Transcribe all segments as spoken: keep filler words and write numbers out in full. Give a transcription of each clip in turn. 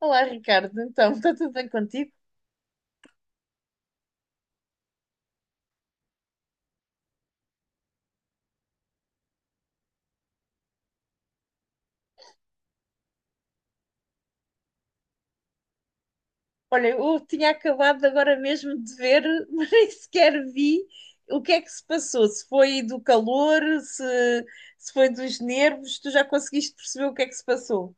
Olá, Ricardo. Então, está tudo bem contigo? Olha, eu tinha acabado agora mesmo de ver, mas nem sequer vi o que é que se passou. Se foi do calor, se, se foi dos nervos, tu já conseguiste perceber o que é que se passou?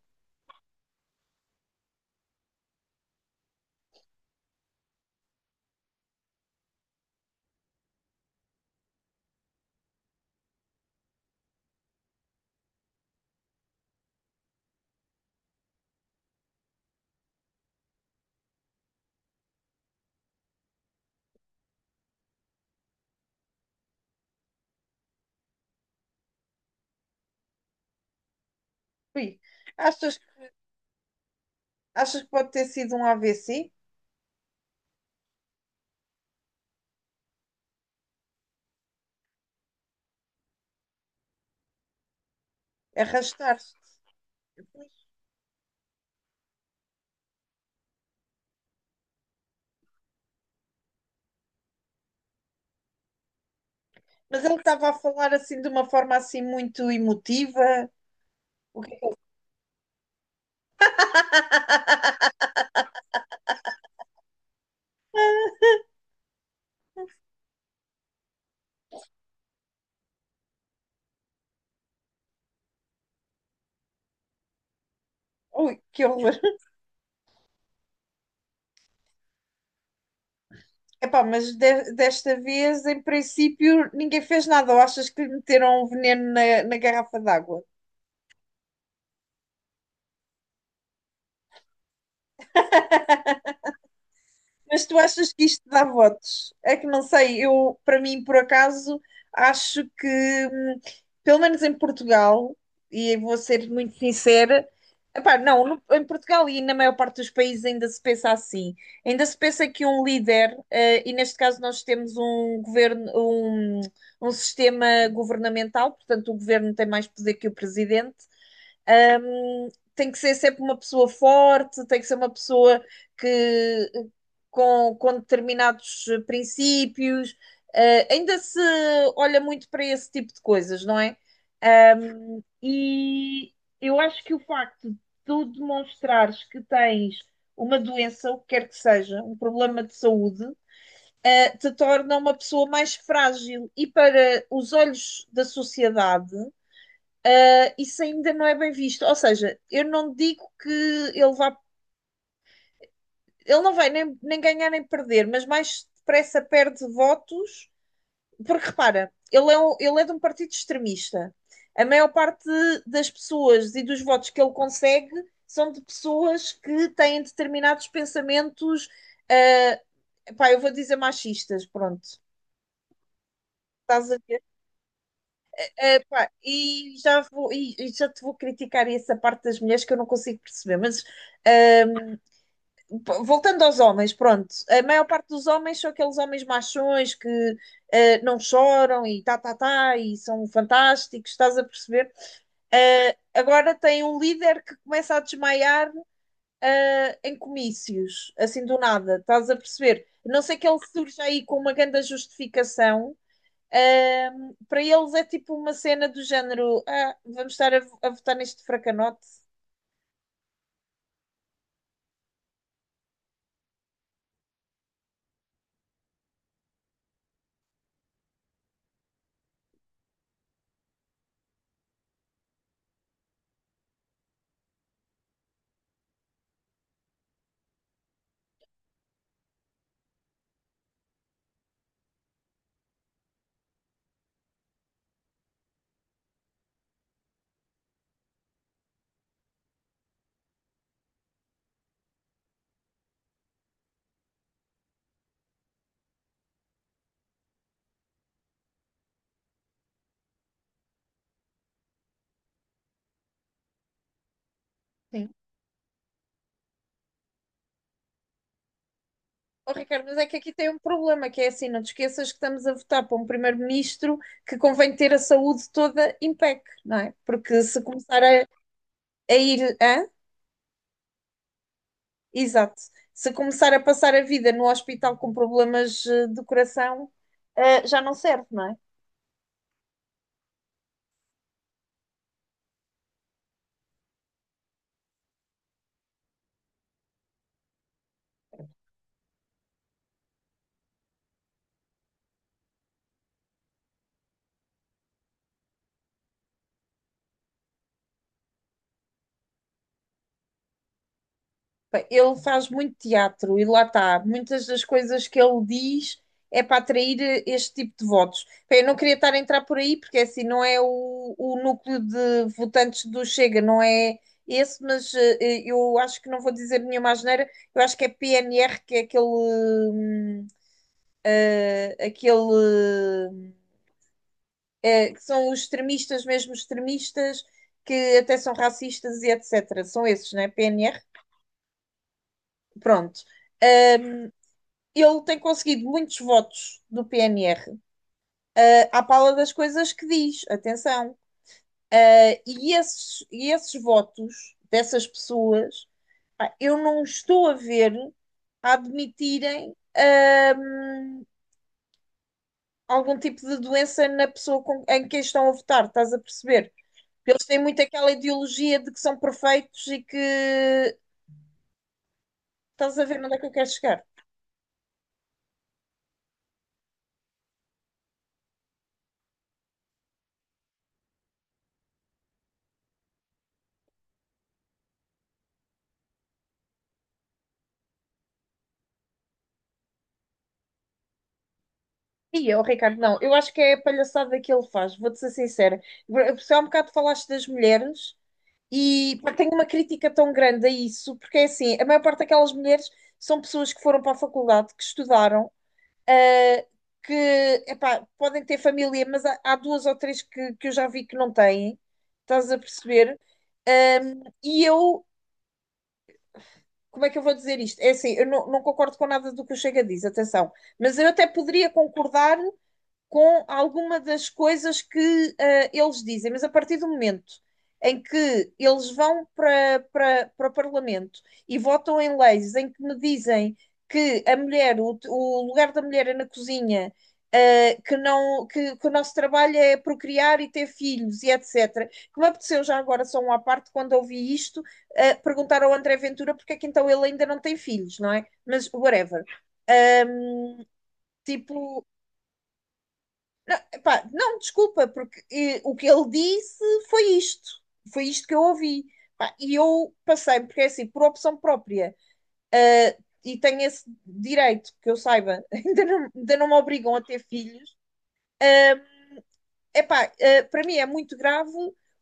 Ui, achas, achas que pode ter sido um A V C? Arrastar-se. Mas ele estava a falar assim de uma forma assim muito emotiva. O que- Ui, que horror. Epá, mas de- desta vez, em princípio, ninguém fez nada. Ou achas que lhe meteram um veneno na, na garrafa d'água? Mas tu achas que isto dá votos? É que não sei, eu, para mim, por acaso, acho que, hum, pelo menos em Portugal, e eu vou ser muito sincera, epá, não, no- em Portugal e na maior parte dos países ainda se pensa assim. Ainda se pensa que um líder, eh, e neste caso nós temos um governo, um, um sistema governamental, portanto o governo tem mais poder que o presidente. Hum, Tem que ser sempre uma pessoa forte, tem que ser uma pessoa que com, com determinados princípios. Eh, ainda se olha muito para esse tipo de coisas, não é? Ahm, e eu acho que o facto de tu demonstrares que tens uma doença, o que quer que seja, um problema de saúde, eh, te torna uma pessoa mais frágil. E para os olhos da sociedade, isso ainda não é bem visto. Ou seja, eu não digo que ele vá. Ele não vai nem, nem ganhar nem perder, mas mais depressa perde votos, porque repara, ele é, um- ele é de um partido extremista. A maior parte das pessoas e dos votos que ele consegue são de pessoas que têm determinados pensamentos, ah, pá, eu vou dizer machistas, pronto. Estás a ver? Eh, pá, e já vou, e, e já te vou criticar essa parte das mulheres que eu não consigo perceber, mas ah, voltando aos homens, pronto, a maior parte dos homens são aqueles homens machões que eh, não choram e tá, tá, tá, e são fantásticos, estás a perceber? Eh, agora tem um líder que começa a desmaiar eh, em comícios, assim do nada, estás a perceber? A não ser que ele surja aí com uma grande justificação. Ahm, para eles é tipo uma cena do género: ah, vamos estar a, a votar neste fracanote. Sim. Oh, Ricardo, mas é que aqui tem um problema, que é assim, não te esqueças que estamos a votar para um primeiro-ministro que convém ter a saúde toda em P E C, não é? Porque se começar a, a ir, hã? Exato. Se começar a passar a vida no hospital com problemas eh, do coração, eh, já não serve, não é? Pá, ele faz muito teatro e lá está. Muitas das coisas que ele diz é para atrair eh, este tipo de votos. Pá, eu não queria estar a entrar por aí, porque é assim não é o, o núcleo de votantes do Chega, não é esse, mas eh, eh, eu acho que não vou dizer nenhuma asneira. Eu acho que é P N R, que é aquele. Hum, eh, aquele. Eh, eh, que são os extremistas, mesmo extremistas, que até são racistas e et cetera. São esses, né? P N R. Pronto. Ele tem conseguido muitos votos do P N R eh, à pala das coisas que diz, atenção. Eh, e, esses, e esses votos dessas pessoas, eu não estou a ver a admitirem ahm, algum tipo de doença na pessoa com- em quem estão a votar, estás a perceber? Eles têm muito aquela ideologia de que são perfeitos e que estás a ver onde é que eu quero chegar. E eu, Ricardo, não, eu acho que é a palhaçada que ele faz, vou-te ser sincera. Só há um bocado falaste das mulheres e pá, tenho uma crítica tão grande a isso, porque é assim, a maior parte daquelas mulheres são pessoas que foram para a faculdade, que estudaram, ah, que epá, podem ter família, mas há, há duas ou três que, que eu já vi que não têm, estás a perceber? Um, e eu, como é que eu vou dizer isto? É assim, eu não, não concordo com nada do que o Chega diz, atenção, mas eu até poderia concordar com alguma das coisas que eh, eles dizem, mas a partir do momento em que eles vão para, para, para o Parlamento e votam em leis em que me dizem que a mulher, o, o lugar da mulher é na cozinha, eh, que, não, que, que o nosso trabalho é procriar e ter filhos e et cetera. Que me apeteceu já agora, só um à parte, quando ouvi isto, eh, perguntar ao André Ventura porque é que então ele ainda não tem filhos, não é? Mas whatever. Um, Tipo, não, epá, não, desculpa, porque eh, o que ele disse foi isto. Foi isto que eu ouvi. Pá, e eu passei, porque é assim, por opção própria. ah, e tenho esse direito, que eu saiba, ainda não, ainda não me obrigam a ter filhos. Ah, Epá, ah, para mim é muito grave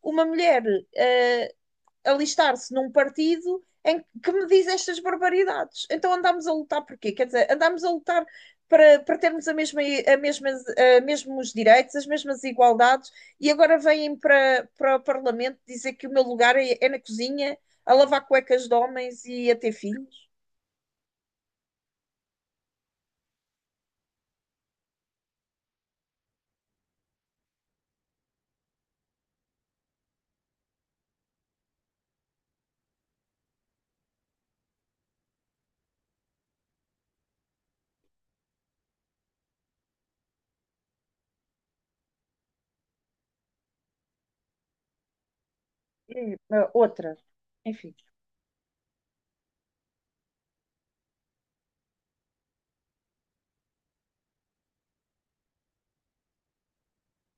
uma mulher ah, alistar-se num partido em que me diz estas barbaridades. Então andámos a lutar por quê? Quer dizer, andámos a lutar para, para termos a mesma, a mesmas, a mesmos direitos, as mesmas igualdades, e agora vêm para, para o Parlamento dizer que o meu lugar é, é na cozinha, a lavar cuecas de homens e a ter filhos. E, eh, outra, enfim.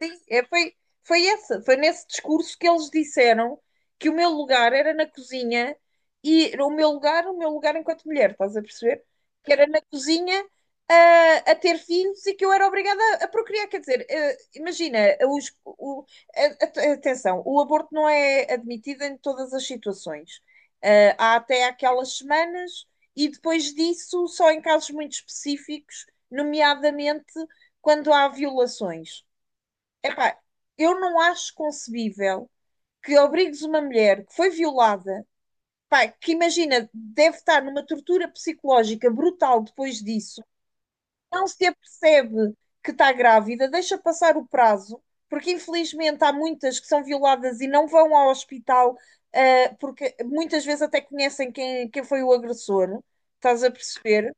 Sim, é, foi, foi essa, foi nesse discurso que eles disseram que o meu lugar era na cozinha e o meu lugar, o meu lugar enquanto mulher, estás a perceber? Que era na cozinha a, a ter filhos e que eu era obrigada a, a procriar. Quer dizer, eh, imagina, os- o- a- a- atenção, o aborto não é admitido em todas as situações. Eh, há até aquelas semanas e depois disso só em casos muito específicos, nomeadamente quando há violações. Epá, eu não acho concebível que obrigues uma mulher que foi violada, pá, que imagina, deve estar numa tortura psicológica brutal depois disso, não se apercebe que está grávida, deixa passar o prazo, porque infelizmente há muitas que são violadas e não vão ao hospital, ah, porque muitas vezes até conhecem quem, quem foi o agressor, estás a perceber?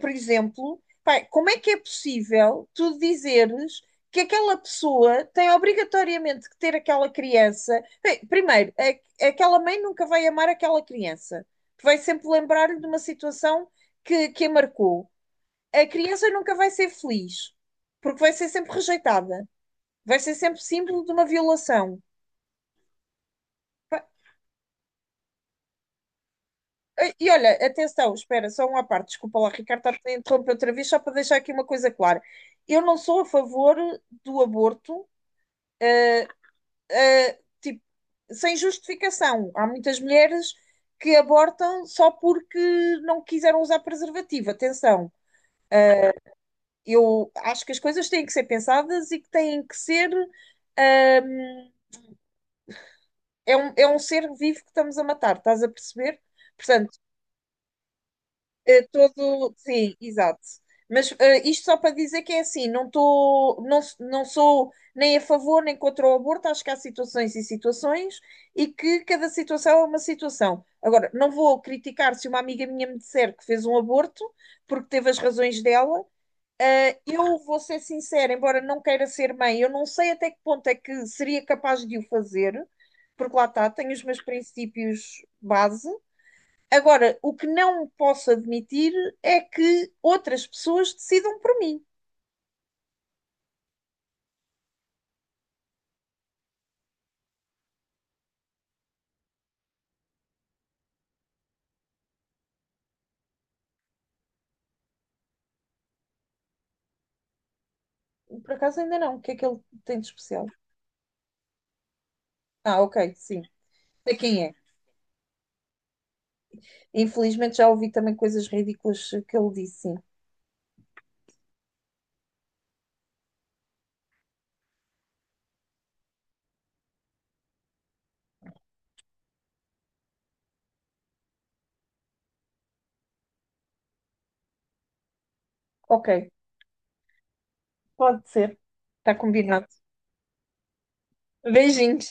Por exemplo, pá, como é que é possível tu dizeres que aquela pessoa tem obrigatoriamente que ter aquela criança? Bem, primeiro, a- aquela mãe nunca vai amar aquela criança. Vai sempre lembrar-lhe de uma situação que, que a marcou. A criança nunca vai ser feliz, porque vai ser sempre rejeitada. Vai ser sempre símbolo de uma violação. E e olha, atenção, espera, só uma parte, desculpa lá, Ricardo, estar a interromper outra vez, só para deixar aqui uma coisa clara. Eu não sou a favor do aborto, eh, tipo, sem justificação. Há muitas mulheres que abortam só porque não quiseram usar preservativo. Atenção, eu acho que as coisas têm que ser pensadas e que têm que ser. ahm, É um, é um ser vivo que estamos a matar, estás a perceber? Portanto, eh, todo, sim, exato. Mas eh, isto só para dizer que é assim, não estou não, s- não sou nem a favor nem contra o aborto, acho que há situações e situações e que cada situação é uma situação. Agora, não vou criticar se uma amiga minha me disser que fez um aborto, porque teve as razões dela. Eh, eu vou ser sincera, embora não queira ser mãe, eu não sei até que ponto é que seria capaz de o fazer, porque lá está, tenho os meus princípios base. Agora, o que não posso admitir é que outras pessoas decidam por mim. Por acaso ainda não. O que é que ele tem de especial? Ah, ok, sim. Sei quem é. Infelizmente já ouvi também coisas ridículas que ele disse, sim. Ok, pode ser. Está combinado. Beijinhos.